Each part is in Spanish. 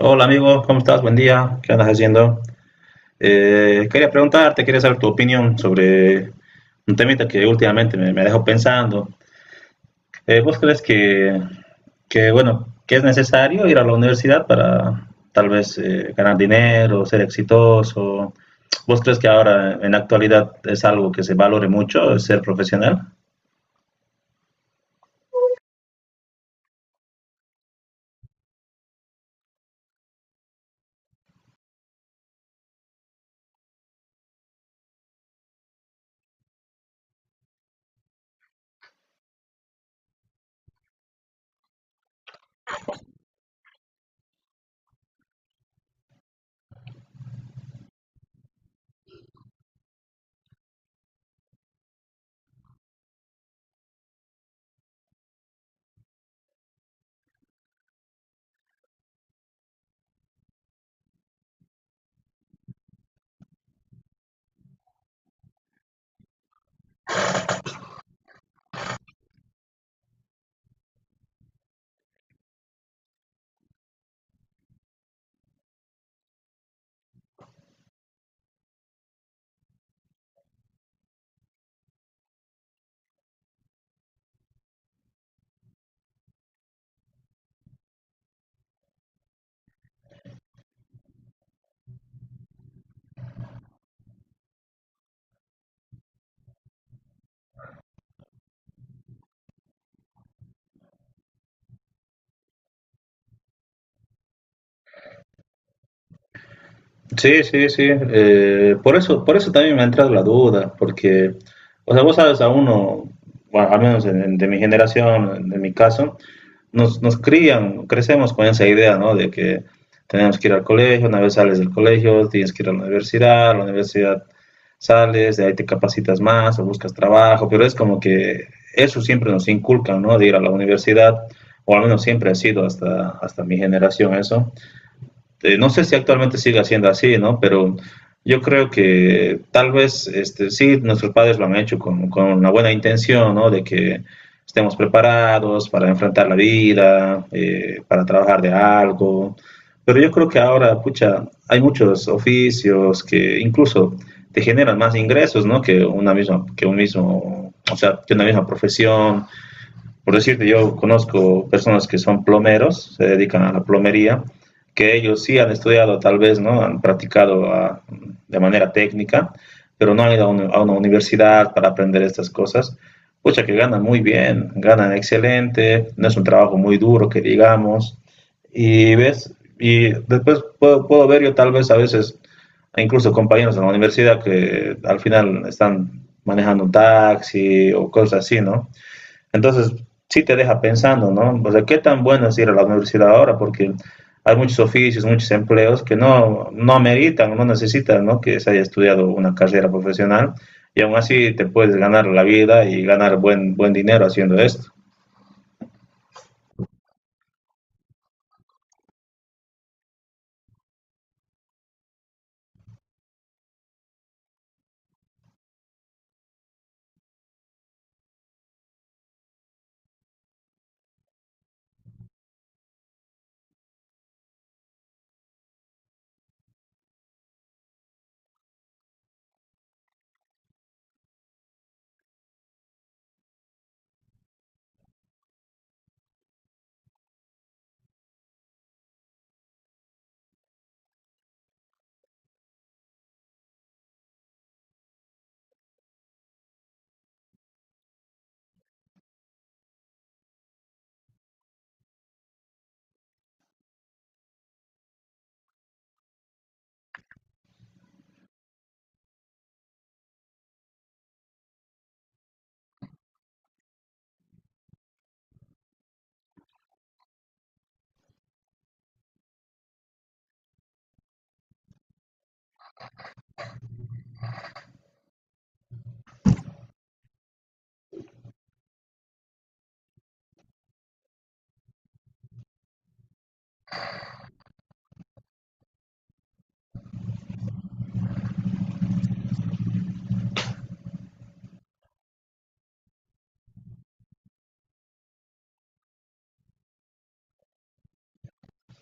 Hola amigo, ¿cómo estás? Buen día, ¿qué andas haciendo? Quería preguntarte, quería saber tu opinión sobre un temita que últimamente me dejó pensando. ¿Vos crees que es necesario ir a la universidad para tal vez ganar dinero, ser exitoso? ¿Vos crees que ahora en la actualidad es algo que se valore mucho, ser profesional? Sí, sí, sí. Por eso, por eso también me ha entrado la duda, porque, o sea, vos sabes, a uno, bueno, al menos de mi generación, de mi caso, nos crían, crecemos con esa idea, ¿no? De que tenemos que ir al colegio, una vez sales del colegio, tienes que ir a la universidad sales, de ahí te capacitas más o buscas trabajo, pero es como que eso siempre nos inculcan, ¿no? De ir a la universidad, o al menos siempre ha sido hasta mi generación eso. No sé si actualmente sigue siendo así, ¿no? Pero yo creo que tal vez este, sí, nuestros padres lo han hecho con una buena intención, ¿no? De que estemos preparados para enfrentar la vida, para trabajar de algo. Pero yo creo que ahora, pucha, hay muchos oficios que incluso te generan más ingresos, ¿no? Que una misma, que un mismo, o sea, que una misma profesión. Por decirte, yo conozco personas que son plomeros, se dedican a la plomería, que ellos sí han estudiado tal vez, ¿no? Han practicado a, de manera técnica, pero no han ido a a una universidad para aprender estas cosas. Pucha, que ganan muy bien, ganan excelente, no es un trabajo muy duro que digamos. Y ves, y después puedo ver yo tal vez a veces, incluso compañeros de la universidad que al final están manejando un taxi o cosas así, ¿no? Entonces, sí te deja pensando, ¿no? O sea, ¿qué tan bueno es ir a la universidad ahora? Porque hay muchos oficios, muchos empleos que no ameritan, no necesitan, ¿no? Que se haya estudiado una carrera profesional y aún así te puedes ganar la vida y ganar buen dinero haciendo esto.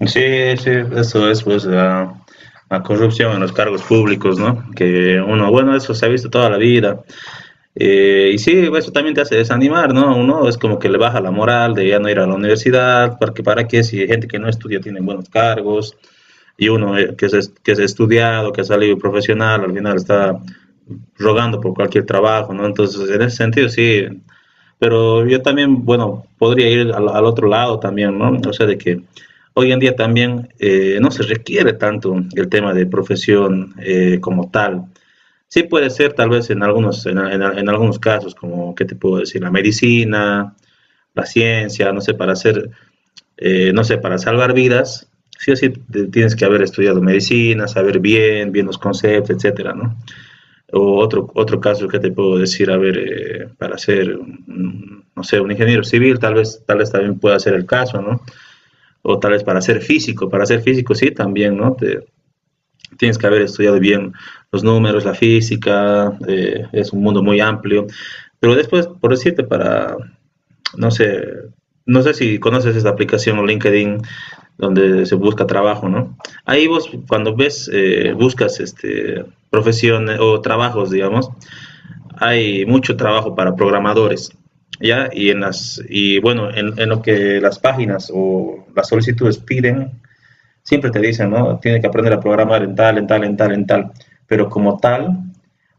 Sí, sí, eso es pues la corrupción en los cargos públicos, ¿no? Que uno, bueno, eso se ha visto toda la vida. Y sí, eso también te hace desanimar, ¿no? Uno es como que le baja la moral de ya no ir a la universidad, porque para qué si gente que no estudia tiene buenos cargos y uno que es estudiado, que ha salido profesional, al final está rogando por cualquier trabajo, ¿no? Entonces, en ese sentido, sí, pero yo también, bueno, podría ir al otro lado también, ¿no? O sea, de que hoy en día también no se requiere tanto el tema de profesión como tal. Sí puede ser tal vez en algunos casos, como, ¿qué te puedo decir? La medicina, la ciencia, no sé, para hacer, no sé, para salvar vidas, sí o sí tienes que haber estudiado medicina, saber bien los conceptos, etcétera, ¿no? O otro caso que te puedo decir, a ver, para ser, no sé, un ingeniero civil, tal vez también pueda ser el caso, ¿no? O tal vez para ser físico sí también, ¿no? Te, tienes que haber estudiado bien los números, la física, es un mundo muy amplio. Pero después, por decirte, para, no sé, no sé si conoces esta aplicación LinkedIn donde se busca trabajo, ¿no? Ahí vos cuando ves, buscas este, profesiones o trabajos, digamos, hay mucho trabajo para programadores, ¿ya? Y bueno, en lo que las páginas o las solicitudes piden, siempre te dicen, ¿no? Tienes que aprender a programar en tal. Pero como tal,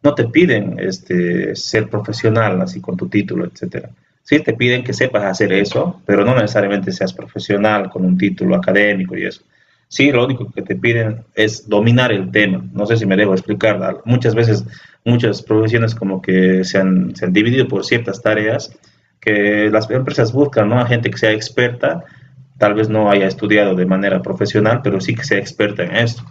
no te piden este, ser profesional, así con tu título, etcétera. Sí te piden que sepas hacer eso, pero no necesariamente seas profesional con un título académico y eso. Sí, lo único que te piden es dominar el tema. No sé si me dejo explicar. Muchas veces, muchas profesiones como que se han dividido por ciertas tareas que las empresas buscan, ¿no? A gente que sea experta tal vez no haya estudiado de manera profesional, pero sí que sea experta en esto.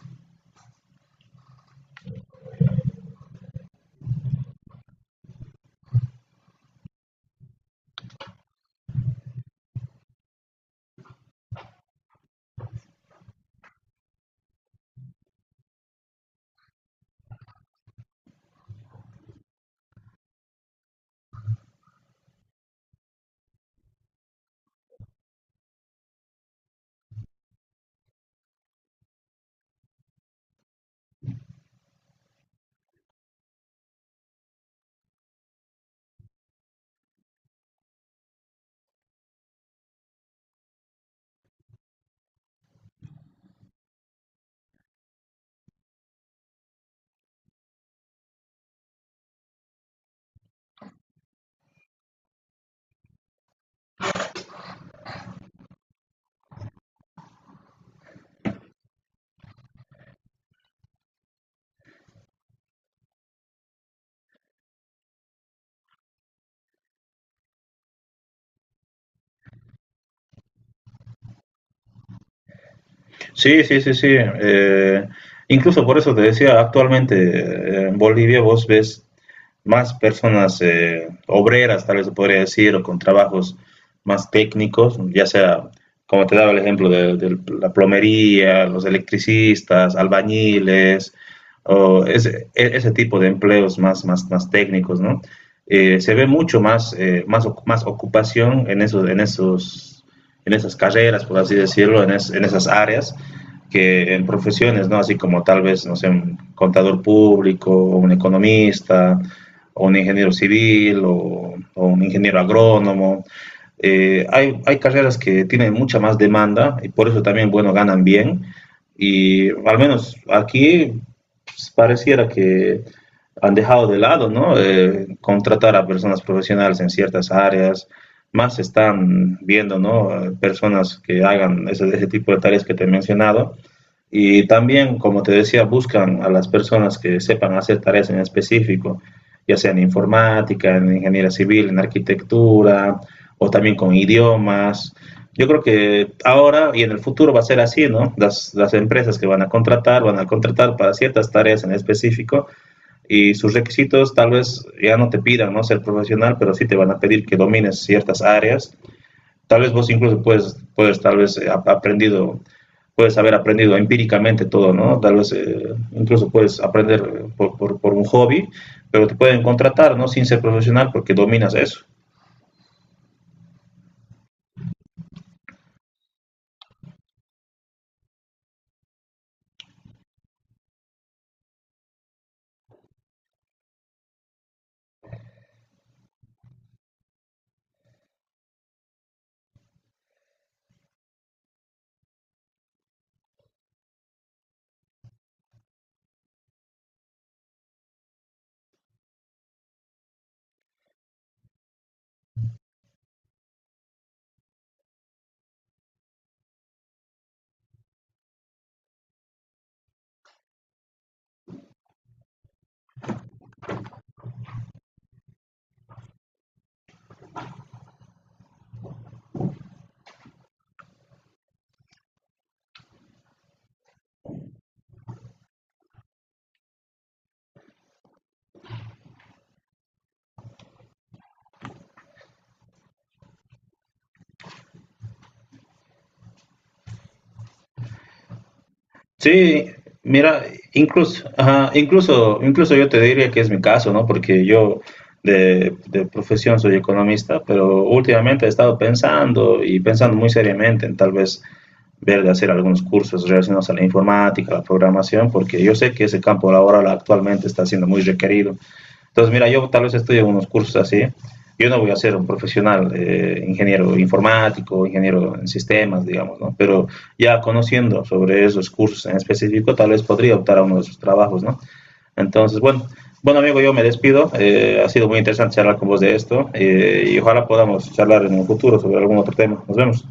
Sí, sí, sí, sí. Incluso por eso te decía, actualmente en Bolivia vos ves más personas obreras, tal vez se podría decir, o con trabajos más técnicos, ya sea, como te daba el ejemplo, de la plomería, los electricistas, albañiles, o ese tipo de empleos más, más, más técnicos, ¿no? Se ve mucho más, más ocupación esos, en esas carreras, por así decirlo, en esas áreas, que en profesiones, ¿no? Así como tal vez, no sé, un contador público, un economista, o un ingeniero civil, o un ingeniero agrónomo. Hay carreras que tienen mucha más demanda y por eso también, bueno, ganan bien. Y al menos aquí pues, pareciera que han dejado de lado, ¿no? Contratar a personas profesionales en ciertas áreas. Más están viendo, ¿no? Personas que hagan ese tipo de tareas que te he mencionado. Y también, como te decía, buscan a las personas que sepan hacer tareas en específico ya sea en informática, en ingeniería civil, en arquitectura, o también con idiomas. Yo creo que ahora y en el futuro va a ser así, ¿no? Las empresas que van a contratar para ciertas tareas en específico y sus requisitos tal vez ya no te pidan, ¿no? Ser profesional, pero sí te van a pedir que domines ciertas áreas. Tal vez vos incluso puedes tal vez puedes haber aprendido empíricamente todo, ¿no? Tal vez incluso puedes aprender por un hobby, pero te pueden contratar, ¿no? Sin ser profesional porque dominas eso. Sí, mira, incluso, ajá, incluso yo te diría que es mi caso, ¿no? Porque yo de profesión soy economista, pero últimamente he estado pensando y pensando muy seriamente en tal vez ver de hacer algunos cursos relacionados a la informática, a la programación, porque yo sé que ese campo laboral actualmente está siendo muy requerido. Entonces, mira, yo tal vez estudio unos cursos así. Yo no voy a ser un profesional ingeniero informático, ingeniero en sistemas, digamos, ¿no? Pero ya conociendo sobre esos cursos en específico, tal vez podría optar a uno de esos trabajos, ¿no? Entonces, bueno, amigo, yo me despido. Ha sido muy interesante charlar con vos de esto y ojalá podamos charlar en el futuro sobre algún otro tema. Nos vemos.